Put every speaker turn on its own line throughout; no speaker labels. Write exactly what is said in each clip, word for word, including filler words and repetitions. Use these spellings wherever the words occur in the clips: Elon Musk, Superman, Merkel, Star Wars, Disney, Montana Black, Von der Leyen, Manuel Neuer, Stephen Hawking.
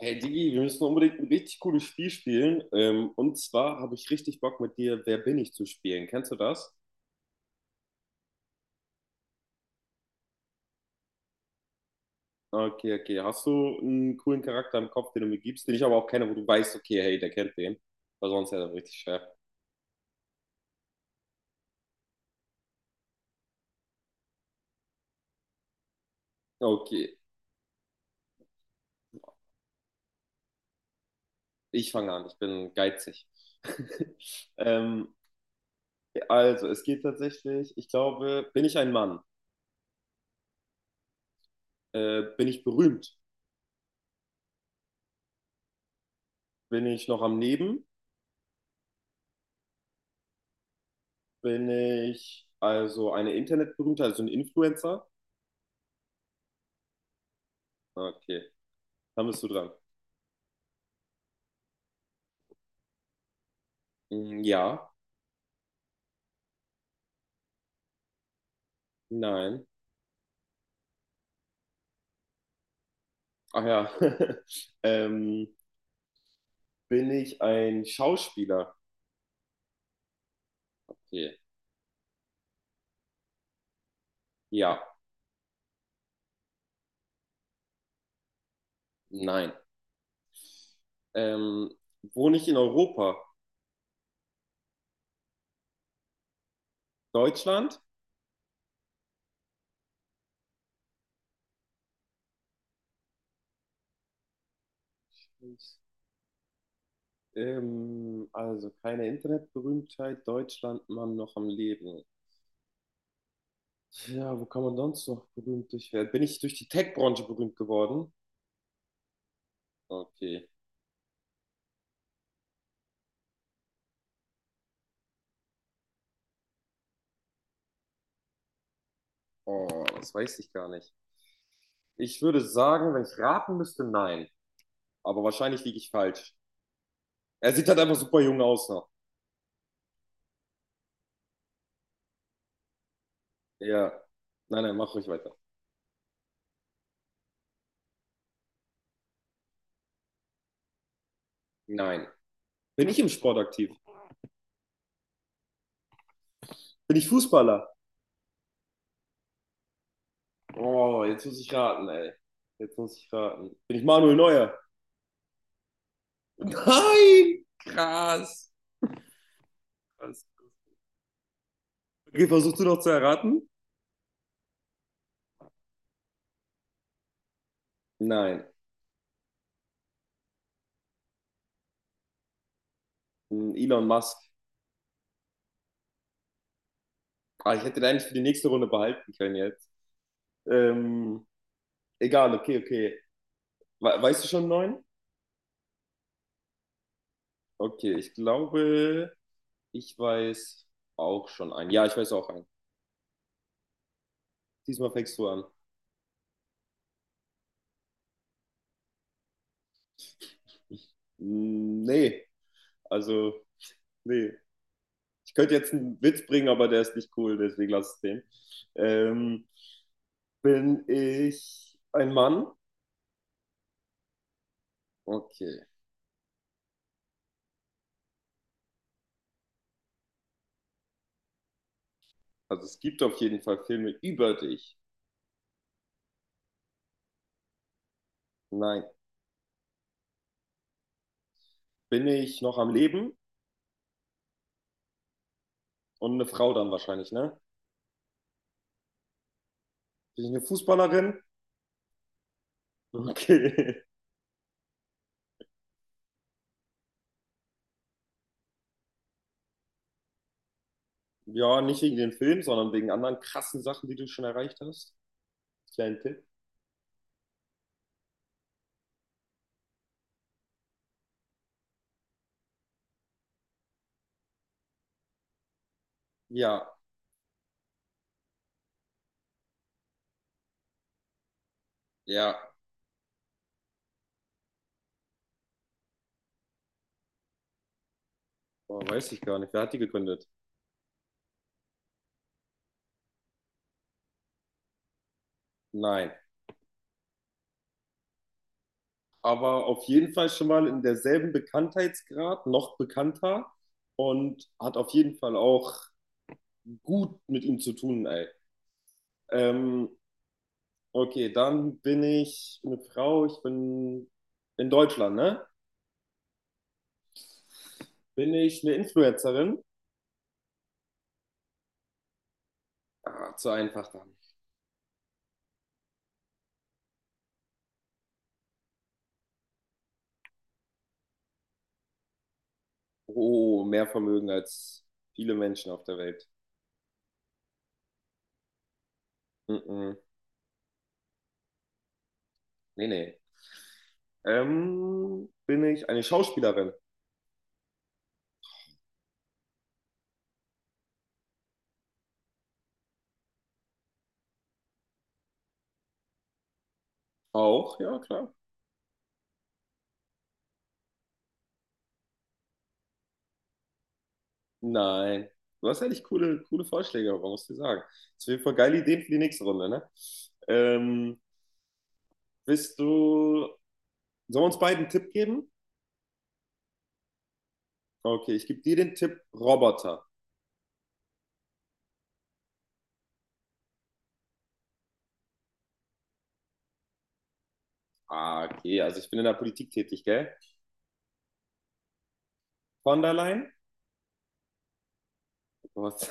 Hey Digi, wir müssen unbedingt ein richtig cooles Spiel spielen. Ähm, und zwar habe ich richtig Bock mit dir, Wer bin ich zu spielen. Kennst du das? Okay, okay. Hast du einen coolen Charakter im Kopf, den du mir gibst, den ich aber auch kenne, wo du weißt, okay, hey, der kennt den. Weil sonst wäre das richtig schwer. Okay, ich fange an. Ich bin geizig. Ähm, also, es geht tatsächlich, ich glaube, bin ich ein Mann? Äh, bin ich berühmt? Bin ich noch am Leben? Bin ich also eine Internetberühmte, also ein Influencer? Okay. Dann bist du dran. Mm, ja, nein. Ach ja. Ähm, Bin ich ein Schauspieler? Okay. Ja, nein. Ähm, Wohne ich in Europa? Deutschland? Ähm, also keine Internetberühmtheit. Deutschland, Mann, noch am Leben. Ja, wo kann man sonst noch berühmt durch werden? Bin ich durch die Tech-Branche berühmt geworden? Okay. Oh, das weiß ich gar nicht. Ich würde sagen, wenn ich raten müsste, nein. Aber wahrscheinlich liege ich falsch. Er sieht halt einfach super jung aus noch. Ja. Nein, nein, mach ruhig weiter. Nein. Bin ich im Sport aktiv? Bin ich Fußballer? Oh, jetzt muss ich raten, ey. Jetzt muss ich raten. Bin ich Manuel Neuer? Nein! Krass. Krass. Okay, versuchst du noch zu erraten? Nein. Hm, Elon Musk. Ah, ich hätte den eigentlich für die nächste Runde behalten können jetzt. Ähm, Egal, okay, okay. We Weißt du schon einen neuen? Okay, ich glaube, ich weiß auch schon einen. Ja, ich weiß auch einen. Diesmal fängst du an. Mm, nee, also, nee. Ich könnte jetzt einen Witz bringen, aber der ist nicht cool, deswegen lass es den. Ähm, Bin ich ein Mann? Okay. Also es gibt auf jeden Fall Filme über dich. Nein. Bin ich noch am Leben? Und eine Frau dann wahrscheinlich, ne? Bin ich eine Fußballerin? Okay. Ja, nicht wegen den Filmen, sondern wegen anderen krassen Sachen, die du schon erreicht hast. Kleinen Tipp. Ja, ja. Oh, weiß ich gar nicht. Wer hat die gegründet? Nein. Aber auf jeden Fall schon mal in derselben Bekanntheitsgrad, noch bekannter und hat auf jeden Fall auch gut mit ihm zu tun, ey. Ähm, okay, dann bin ich eine Frau, ich bin in Deutschland, ne? Bin ich eine Influencerin? Ah, zu einfach dann. Oh, mehr Vermögen als viele Menschen auf der Welt. Mm -mm. Nee, nee. Ähm, bin ich eine Schauspielerin? Auch, ja, klar. Nein. Du hast eigentlich coole, coole Vorschläge, aber muss ich sagen. Das sind auf jeden Fall geile Ideen für die nächste Runde, ne? Ähm, Bist du. Sollen wir uns beiden einen Tipp geben? Okay, ich gebe dir den Tipp Roboter. Ah, okay, also ich bin in der Politik tätig, gell? Von der Leyen? Was?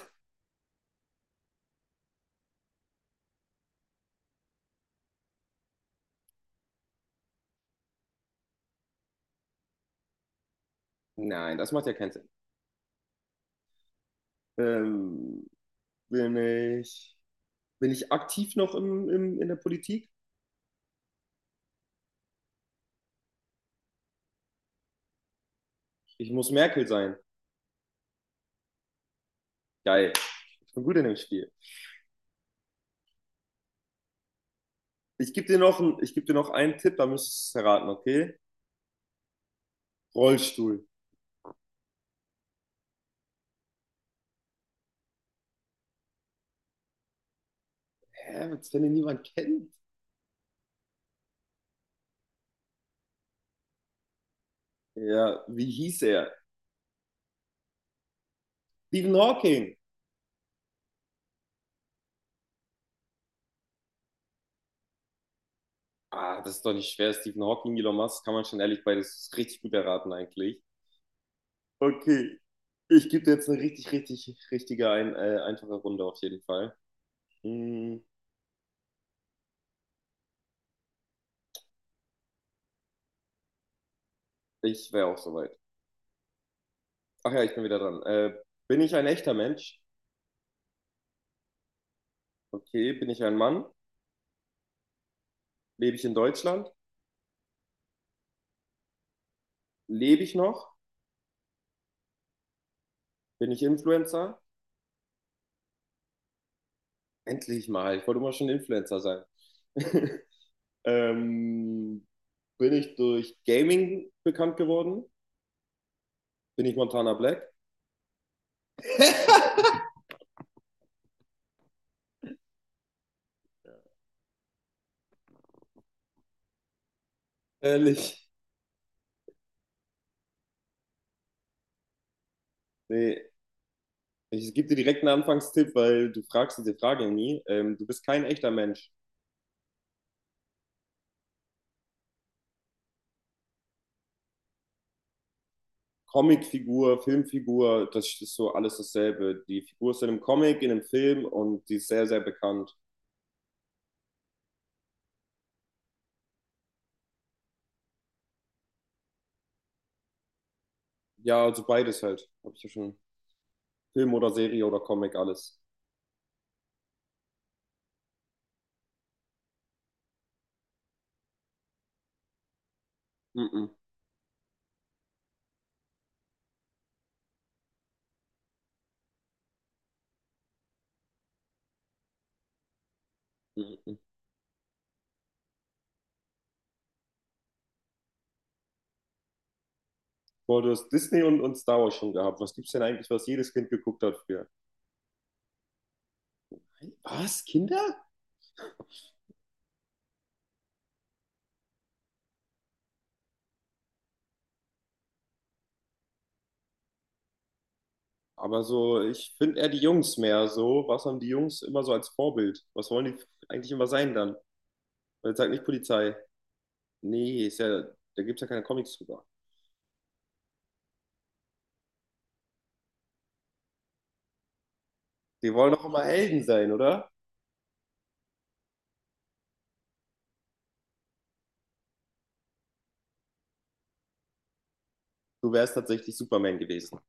Nein, das macht ja keinen Sinn. Ähm, Bin ich. Bin ich aktiv noch im, im, in der Politik? Ich muss Merkel sein. Geil. Ich bin gut in dem Spiel. Ich gebe dir noch, einen- ich geb dir noch einen Tipp, da müsstest du es erraten, okay? Rollstuhl. Hä, was, wenn ihn niemand kennt? Ja, wie hieß er? Stephen Hawking. Ah, das ist doch nicht schwer. Stephen Hawking, Elon Musk, kann man schon ehrlich beides richtig gut erraten eigentlich. Okay. Ich gebe dir jetzt eine richtig, richtig, richtige, ein, äh, einfache Runde auf jeden Fall. Hm, ich wäre auch soweit. Ach ja, ich bin wieder dran. Äh, bin ich ein echter Mensch? Okay. Bin ich ein Mann? Lebe ich in Deutschland? Lebe ich noch? Bin ich Influencer? Endlich mal. Ich wollte immer schon Influencer sein. Ähm, Bin ich durch Gaming bekannt geworden? Bin ich Montana Black? Ehrlich. Nee, ich gebe dir direkt einen Anfangstipp, weil du fragst diese Frage nie. Ähm, du bist kein echter Mensch. Comicfigur, Filmfigur, das ist so alles dasselbe. Die Figur ist in einem Comic, in einem Film und die ist sehr, sehr bekannt. Ja, also beides halt. Hab ich ja schon. Film oder Serie oder Comic, alles. Mm-mm, mm-mm. Boah, du hast Disney und, und Star Wars schon gehabt. Was gibt's denn eigentlich, was jedes Kind geguckt hat früher? Was? Kinder? Aber so, ich finde eher die Jungs mehr so. Was haben die Jungs immer so als Vorbild? Was wollen die eigentlich immer sein dann? Und jetzt sagt nicht Polizei. Nee, ist ja, da gibt es ja keine Comics drüber. Die wollen doch immer Helden sein, oder? Du wärst tatsächlich Superman gewesen.